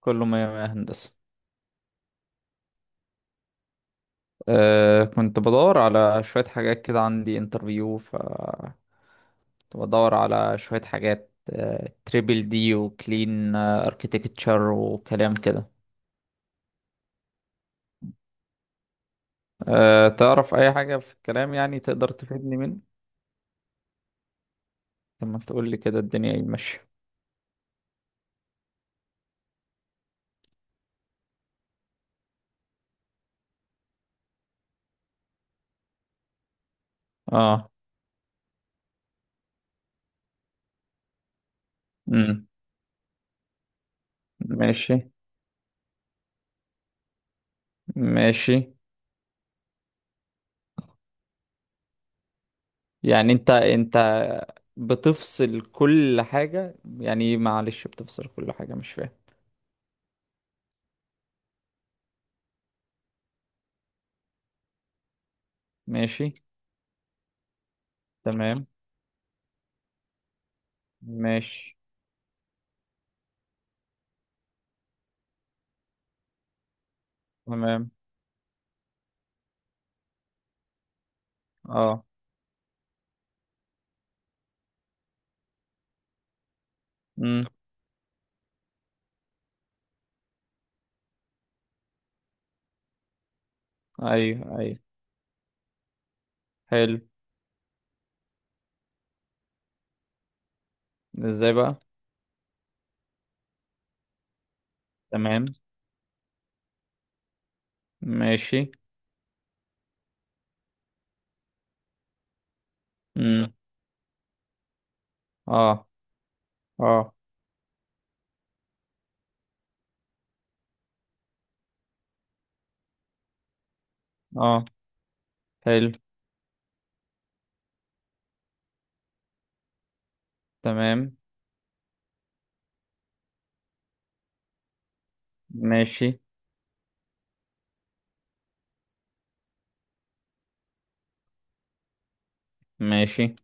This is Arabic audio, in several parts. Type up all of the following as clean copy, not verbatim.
كله مية مية هندسة. كنت بدور على شوية حاجات كده، عندي انترفيو ف كنت بدور على شوية حاجات تريبل دي وكلين اركيتكتشر وكلام كده. تعرف أي حاجة في الكلام، يعني تقدر تفيدني منه؟ طب ما تقول لي كده الدنيا ايه ماشية؟ اه. امم. ماشي. ماشي. يعني انت بتفصل كل حاجة، يعني إيه، معلش، بتفصل كل حاجة مش فاهم. ماشي. تمام. ماشي. تمام. اه. امم. ايوه، ايوه. حلو. ازاي بقى؟ تمام. ماشي. امم. اه. اه. اه. حلو. تمام. ماشي. ماشي.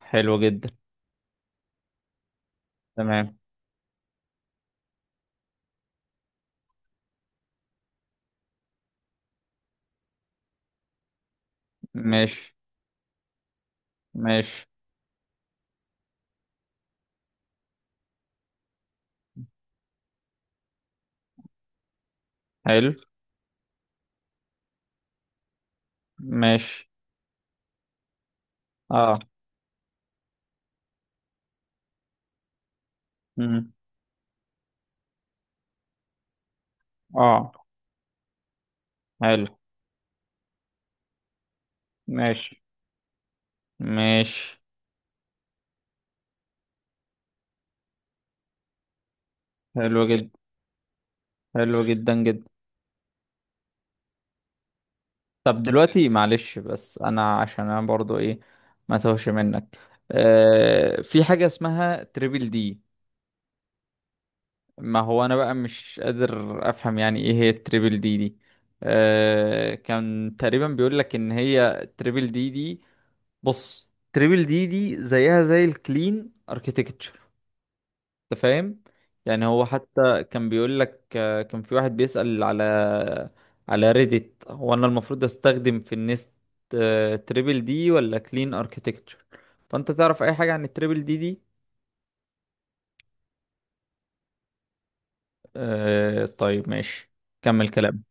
حلو جدا. تمام. ماشي. ماشي. حلو. ماشي. اه. امم. اه. حلو. ماشي. ماشي. حلو جدا. حلو جدا جدا. طب دلوقتي معلش، بس انا عشان انا برضو ايه، ما توهش منك. في حاجة اسمها تريبل دي. ما هو انا بقى مش قادر افهم يعني ايه هي التريبل دي دي. كان تقريبا بيقول لك ان هي التريبل دي دي. بص، تريبل دي دي زيها زي الكلين اركيتكتشر. انت فاهم؟ يعني هو حتى كان بيقول لك، كان في واحد بيسأل على ريديت، هو انا المفروض استخدم في النست تريبل دي ولا كلين اركيتكتشر. فانت تعرف اي حاجة عن التريبل دي دي؟ طيب ماشي. كمل كلام.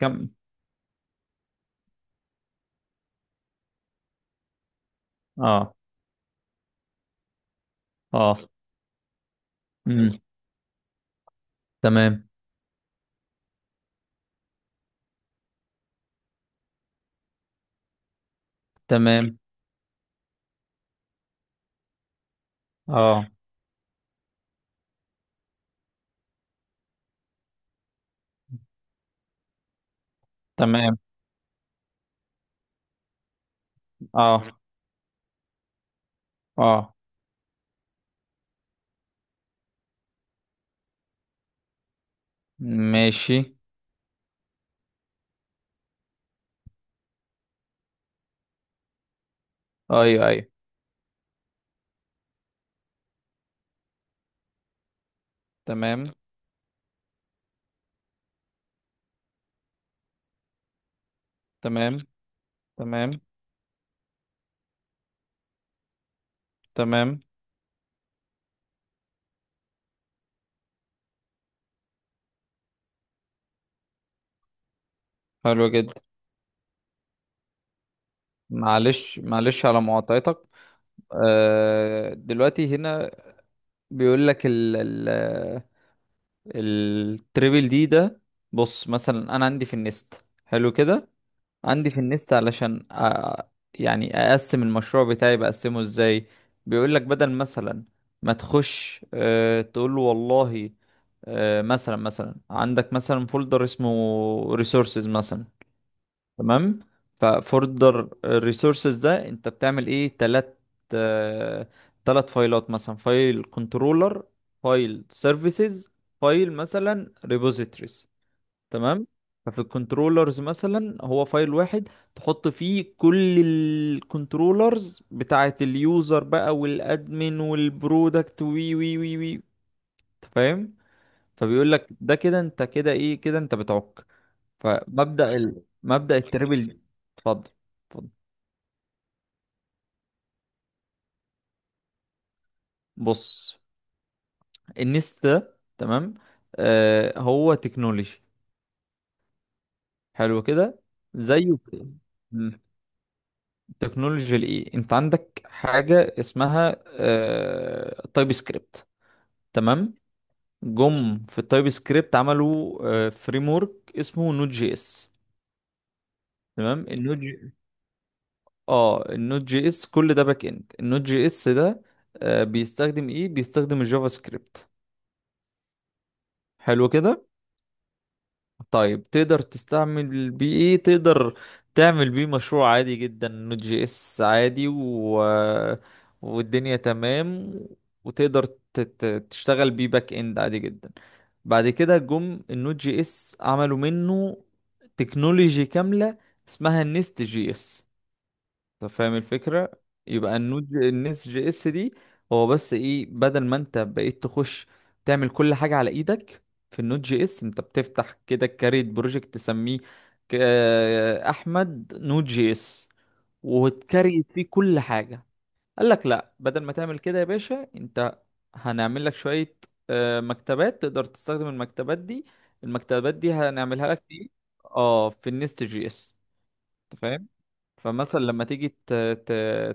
كمل. اه. اه. امم. تمام. تمام. اه. تمام. اه. اه. ماشي. ايوه، ايوه. تمام. تمام. تمام. تمام. حلو جدا. معلش، معلش، على مقاطعتك. دلوقتي هنا بيقول لك ال التريبل دي ده. بص، مثلا انا عندي في النست، حلو كده، عندي في النست علشان يعني اقسم المشروع بتاعي بقسمه ازاي. بيقول لك، بدل مثلا ما تخش تقول له والله، مثلا عندك مثلا فولدر اسمه ريسورسز مثلا. تمام. ففولدر الريسورسز ده انت بتعمل ايه؟ تلات، أه تلات فايلات، مثلا فايل كنترولر، فايل سيرفيسز، فايل مثلا ريبوزيتوريز. تمام. ففي الكنترولرز مثلا هو فايل واحد تحط فيه كل الكنترولرز بتاعة اليوزر بقى، والادمن والبرودكت، وي وي وي وي، أنت فاهم؟ فبيقول لك ده كده انت كده ايه، كده انت بتعك. فمبدأ مبدأ التربل. اتفضل. اتفضل. بص، النست ده تمام، هو تكنولوجي. حلو كده. زيه تكنولوجيا الايه، انت عندك حاجه اسمها تايب سكريبت. تمام. جم في التايب سكريبت عملوا فريم ورك اسمه نوت جي اس. تمام. النوت جي اس كل ده باك اند، النوت جي اس ده بيستخدم ايه، بيستخدم الجافا سكريبت. حلو كده. طيب تقدر تستعمل بيه ايه؟ تقدر تعمل بيه مشروع عادي جدا نوت جي اس عادي، والدنيا تمام، وتقدر تشتغل بيه باك اند عادي جدا. بعد كده جم النوت جي اس عملوا منه تكنولوجي كاملة اسمها النست جي اس. طب فاهم الفكرة؟ يبقى النس جي اس دي هو بس ايه، بدل ما انت بقيت تخش تعمل كل حاجة على ايدك في النود جي اس، انت بتفتح كده كاريت بروجكت تسميه ك- احمد نود جي اس، وتكريت فيه كل حاجة. قال لك، لا، بدل ما تعمل كده يا باشا، انت هنعمل لك شوية مكتبات، تقدر تستخدم المكتبات دي. المكتبات دي هنعملها لك في إيه؟ اه، في النست جي اس. فمثلا لما تيجي ت...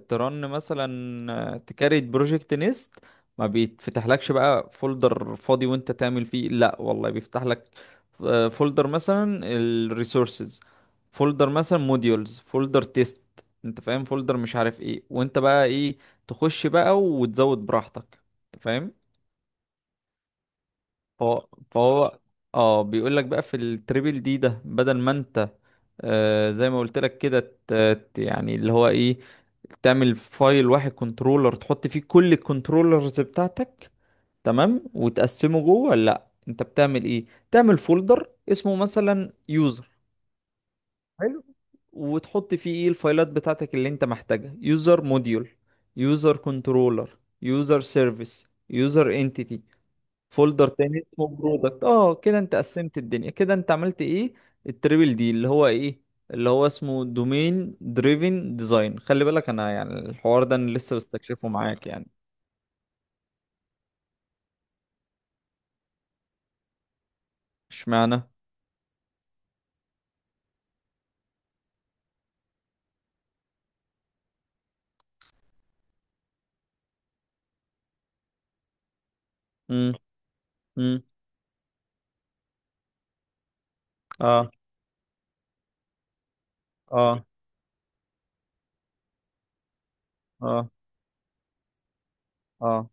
ترن مثلا تكريت بروجكت نيست، ما بيتفتحلكش بقى فولدر فاضي وانت تعمل فيه. لا والله، بيفتح لك فولدر مثلا الريسورسز، فولدر مثلا موديولز، فولدر تيست، انت فاهم، فولدر مش عارف ايه، وانت بقى ايه، تخش بقى وتزود براحتك. انت فاهم؟ فهو اه بيقول لك بقى في التريبل دي ده، بدل ما انت، زي ما قلت لك كده، ت- يعني اللي هو ايه، تعمل فايل واحد كنترولر تحط فيه كل الكنترولرز بتاعتك. تمام، وتقسمه جوه؟ لا، انت بتعمل ايه، تعمل فولدر اسمه مثلا يوزر. حلو. وتحط فيه ايه الفايلات بتاعتك اللي انت محتاجها، يوزر موديول، يوزر كنترولر، يوزر سيرفيس، يوزر انتيتي. فولدر تاني اسمه برودكت. اه كده انت قسمت الدنيا، كده انت عملت ايه، التريبل دي اللي هو ايه، اللي هو اسمه دومين دريفن ديزاين. خلي بالك انا يعني الحوار ده انا لسه بستكشفه معاك يعني. اشمعنى؟ امم. امم. اه. اه. اه. اه.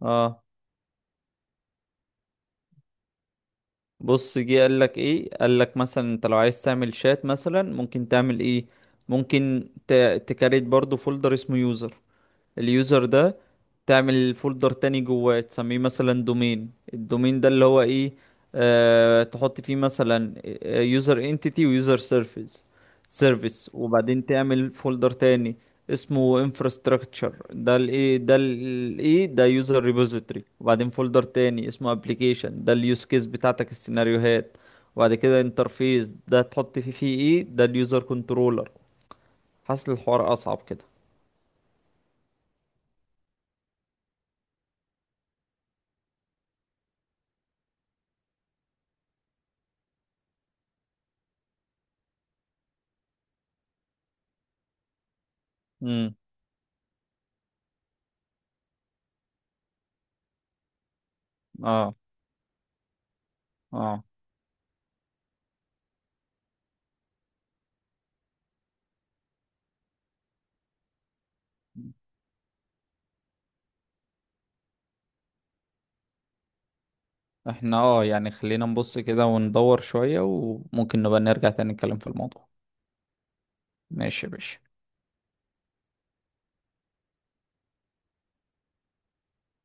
اه. بص، جه قال لك ايه، قال لك مثلا انت لو عايز تعمل شات مثلا، ممكن تعمل ايه، ممكن تكريت برضو فولدر اسمه يوزر. اليوزر ده تعمل فولدر تاني جواه تسميه مثلا دومين. الدومين ده اللي هو ايه، تحط فيه مثلا يوزر انتيتي ويوزر سيرفيس. سيرفيس. وبعدين تعمل فولدر تاني اسمه infrastructure، ده الايه، ده الايه، ده يوزر ريبوزيتوري. وبعدين فولدر تاني اسمه application، ده اليوز كيس بتاعتك، السيناريوهات. وبعد كده انترفيس، ده تحط فيه ايه، ده اليوزر كنترولر. حاسس الحوار اصعب كده. امم. اه. اه. احنا اه يعني خلينا نبص كده وندور شوية، وممكن نبقى نرجع تاني نتكلم في الموضوع. ماشي يا باشا.